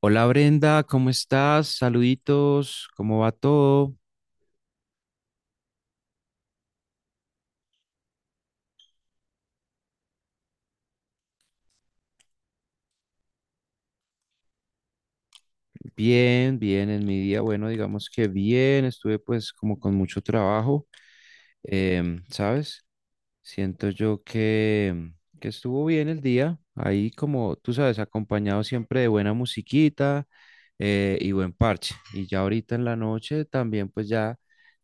Hola Brenda, ¿cómo estás? Saluditos, ¿cómo va todo? Bien, bien, en mi día, bueno, digamos que bien, estuve pues como con mucho trabajo, ¿sabes? Siento yo que estuvo bien el día, ahí como tú sabes, acompañado siempre de buena musiquita y buen parche. Y ya ahorita en la noche también pues ya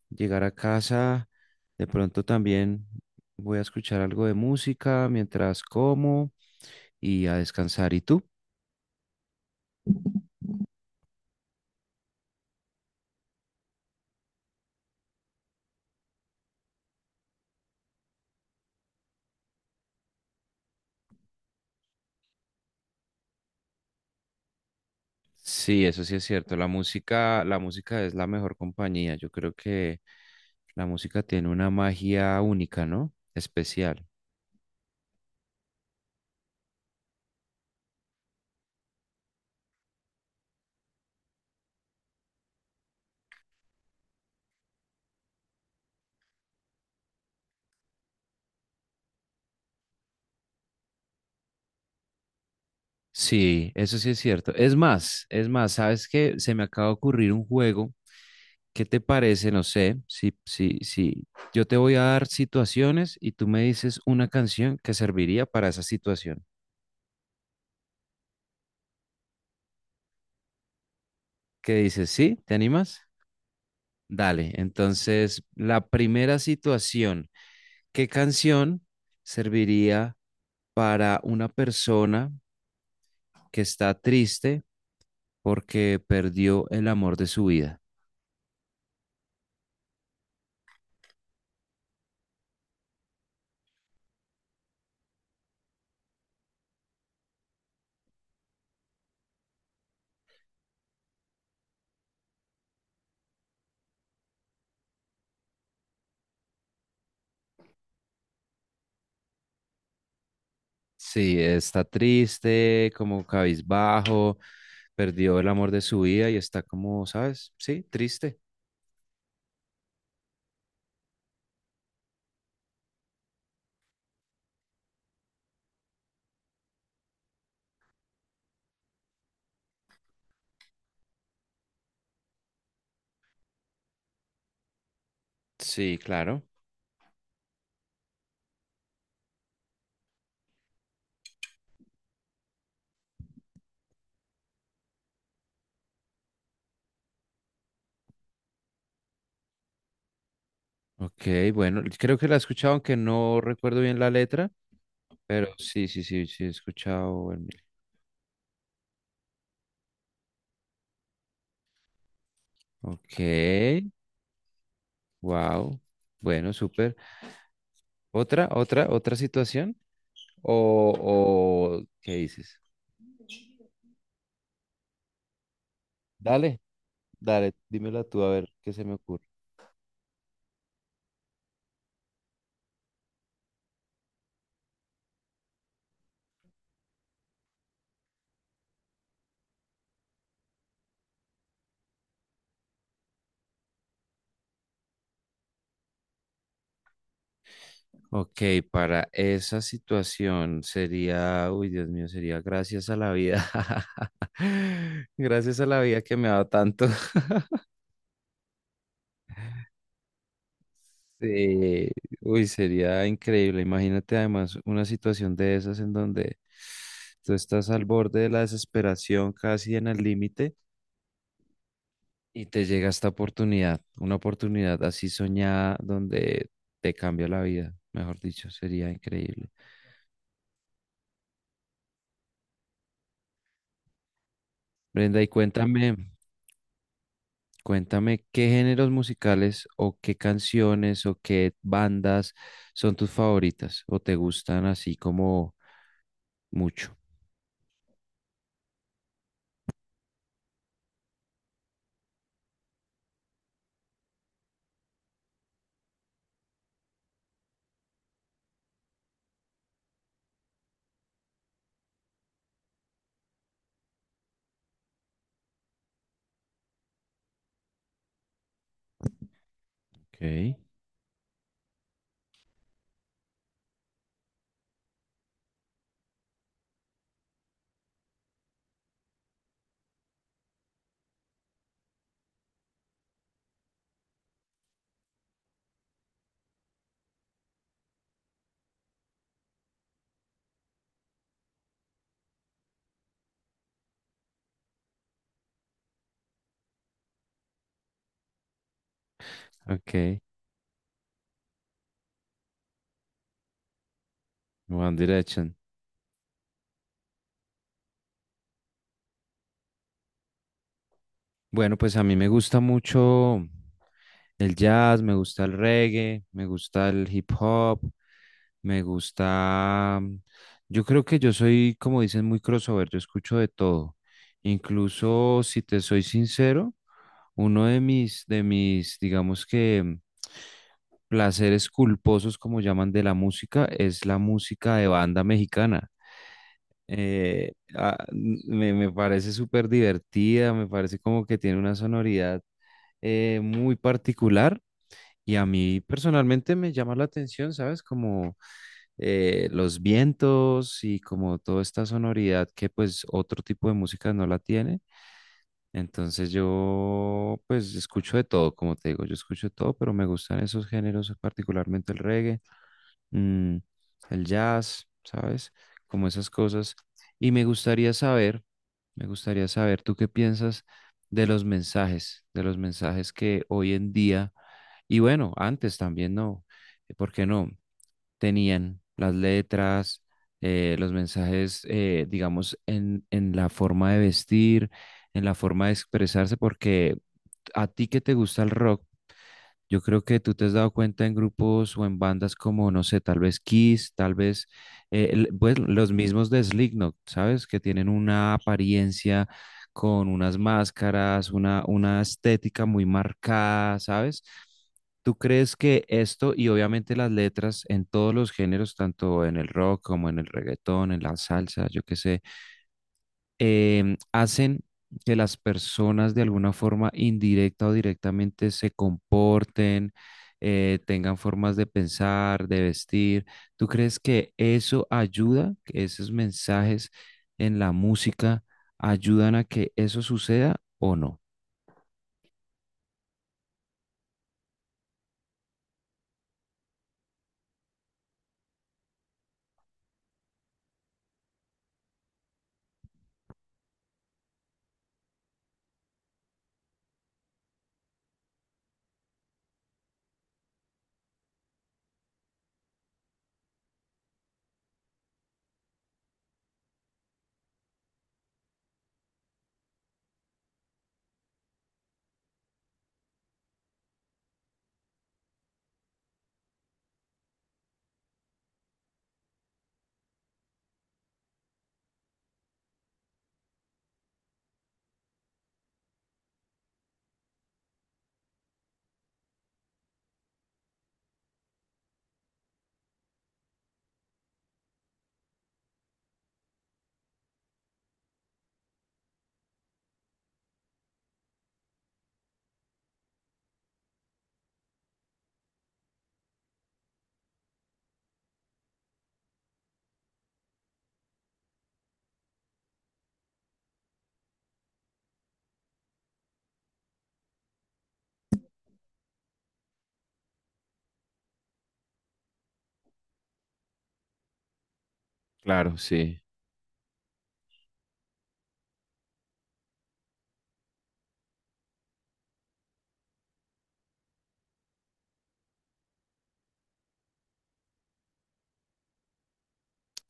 llegar a casa, de pronto también voy a escuchar algo de música mientras como. Y a descansar. ¿Y tú? Sí, eso sí es cierto. La música es la mejor compañía. Yo creo que la música tiene una magia única, ¿no? Especial. Sí, eso sí es cierto. Es más, ¿sabes qué? Se me acaba de ocurrir un juego. ¿Qué te parece? No sé, si yo te voy a dar situaciones y tú me dices una canción que serviría para esa situación. ¿Qué dices? ¿Sí? ¿Te animas? Dale. Entonces, la primera situación. ¿Qué canción serviría para una persona que está triste porque perdió el amor de su vida? Sí, está triste, como cabizbajo, perdió el amor de su vida y está como, ¿sabes? Sí, triste. Sí, claro. Ok, bueno, creo que la he escuchado, aunque no recuerdo bien la letra, pero sí, he escuchado. El mil. Ok, wow. Bueno, súper. Otra, otra, otra situación. ¿O, o qué dices? Dale, dale, dímela tú a ver qué se me ocurre. Ok, para esa situación sería, uy, Dios mío, sería gracias a la vida. Gracias a la vida que me ha dado tanto. Sí, uy, sería increíble. Imagínate además una situación de esas en donde tú estás al borde de la desesperación, casi en el límite. Y te llega esta oportunidad, una oportunidad así soñada donde te cambia la vida, mejor dicho, sería increíble. Brenda, y cuéntame, cuéntame qué géneros musicales o qué canciones o qué bandas son tus favoritas o te gustan así como mucho. Ok, ok, One Direction. Bueno, pues a mí me gusta mucho el jazz, me gusta el reggae, me gusta el hip hop. Me gusta, yo creo que yo soy, como dicen, muy crossover, yo escucho de todo. Incluso, si te soy sincero, uno de mis, digamos que, placeres culposos, como llaman, de la música, es la música de banda mexicana. Me parece súper divertida, me parece como que tiene una sonoridad muy particular y a mí personalmente me llama la atención, ¿sabes? Como los vientos y como toda esta sonoridad que pues otro tipo de música no la tiene. Entonces yo pues escucho de todo, como te digo, yo escucho de todo, pero me gustan esos géneros, particularmente el reggae, mm, el jazz, ¿sabes? Como esas cosas. Y me gustaría saber, ¿tú qué piensas de los mensajes que hoy en día, y bueno, antes también no, ¿por qué no? tenían las letras, los mensajes, digamos, en la forma de vestir, en la forma de expresarse, porque a ti que te gusta el rock, yo creo que tú te has dado cuenta en grupos o en bandas como, no sé, tal vez Kiss, tal vez pues, los mismos de Slipknot, ¿sabes? Que tienen una apariencia con unas máscaras, una estética muy marcada, ¿sabes? ¿Tú crees que esto y obviamente las letras en todos los géneros, tanto en el rock como en el reggaetón, en la salsa, yo qué sé, hacen que las personas de alguna forma indirecta o directamente se comporten, tengan formas de pensar, de vestir. ¿Tú crees que eso ayuda, que esos mensajes en la música ayudan a que eso suceda o no? Claro, sí.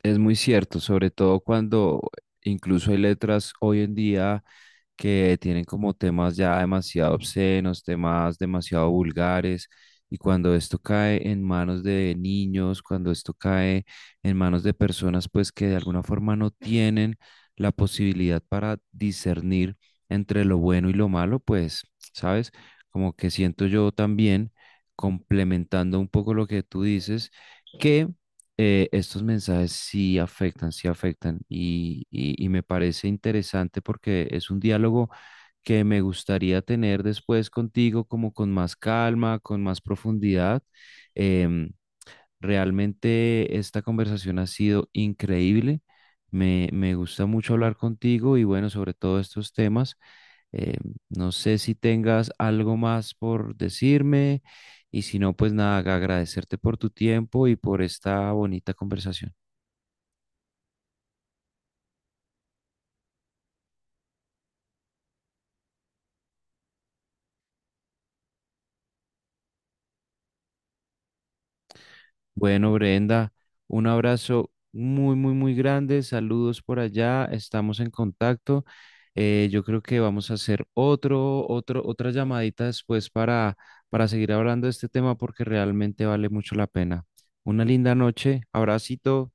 Es muy cierto, sobre todo cuando incluso hay letras hoy en día que tienen como temas ya demasiado obscenos, temas demasiado vulgares, y cuando esto cae en manos de niños, cuando esto cae en manos de personas pues que de alguna forma no tienen la posibilidad para discernir entre lo bueno y lo malo, pues, ¿sabes? Como que siento yo también, complementando un poco lo que tú dices, que estos mensajes sí afectan y, y me parece interesante porque es un diálogo que me gustaría tener después contigo como con más calma, con más profundidad. Em, Realmente esta conversación ha sido increíble. Me gusta mucho hablar contigo y bueno, sobre todo estos temas. Eh, no sé si tengas algo más por decirme y si no, pues nada, agradecerte por tu tiempo y por esta bonita conversación. Bueno, Brenda, un abrazo muy, muy, muy grande. Saludos por allá. Estamos en contacto. Yo creo que vamos a hacer otra llamadita después para seguir hablando de este tema porque realmente vale mucho la pena. Una linda noche. Abracito.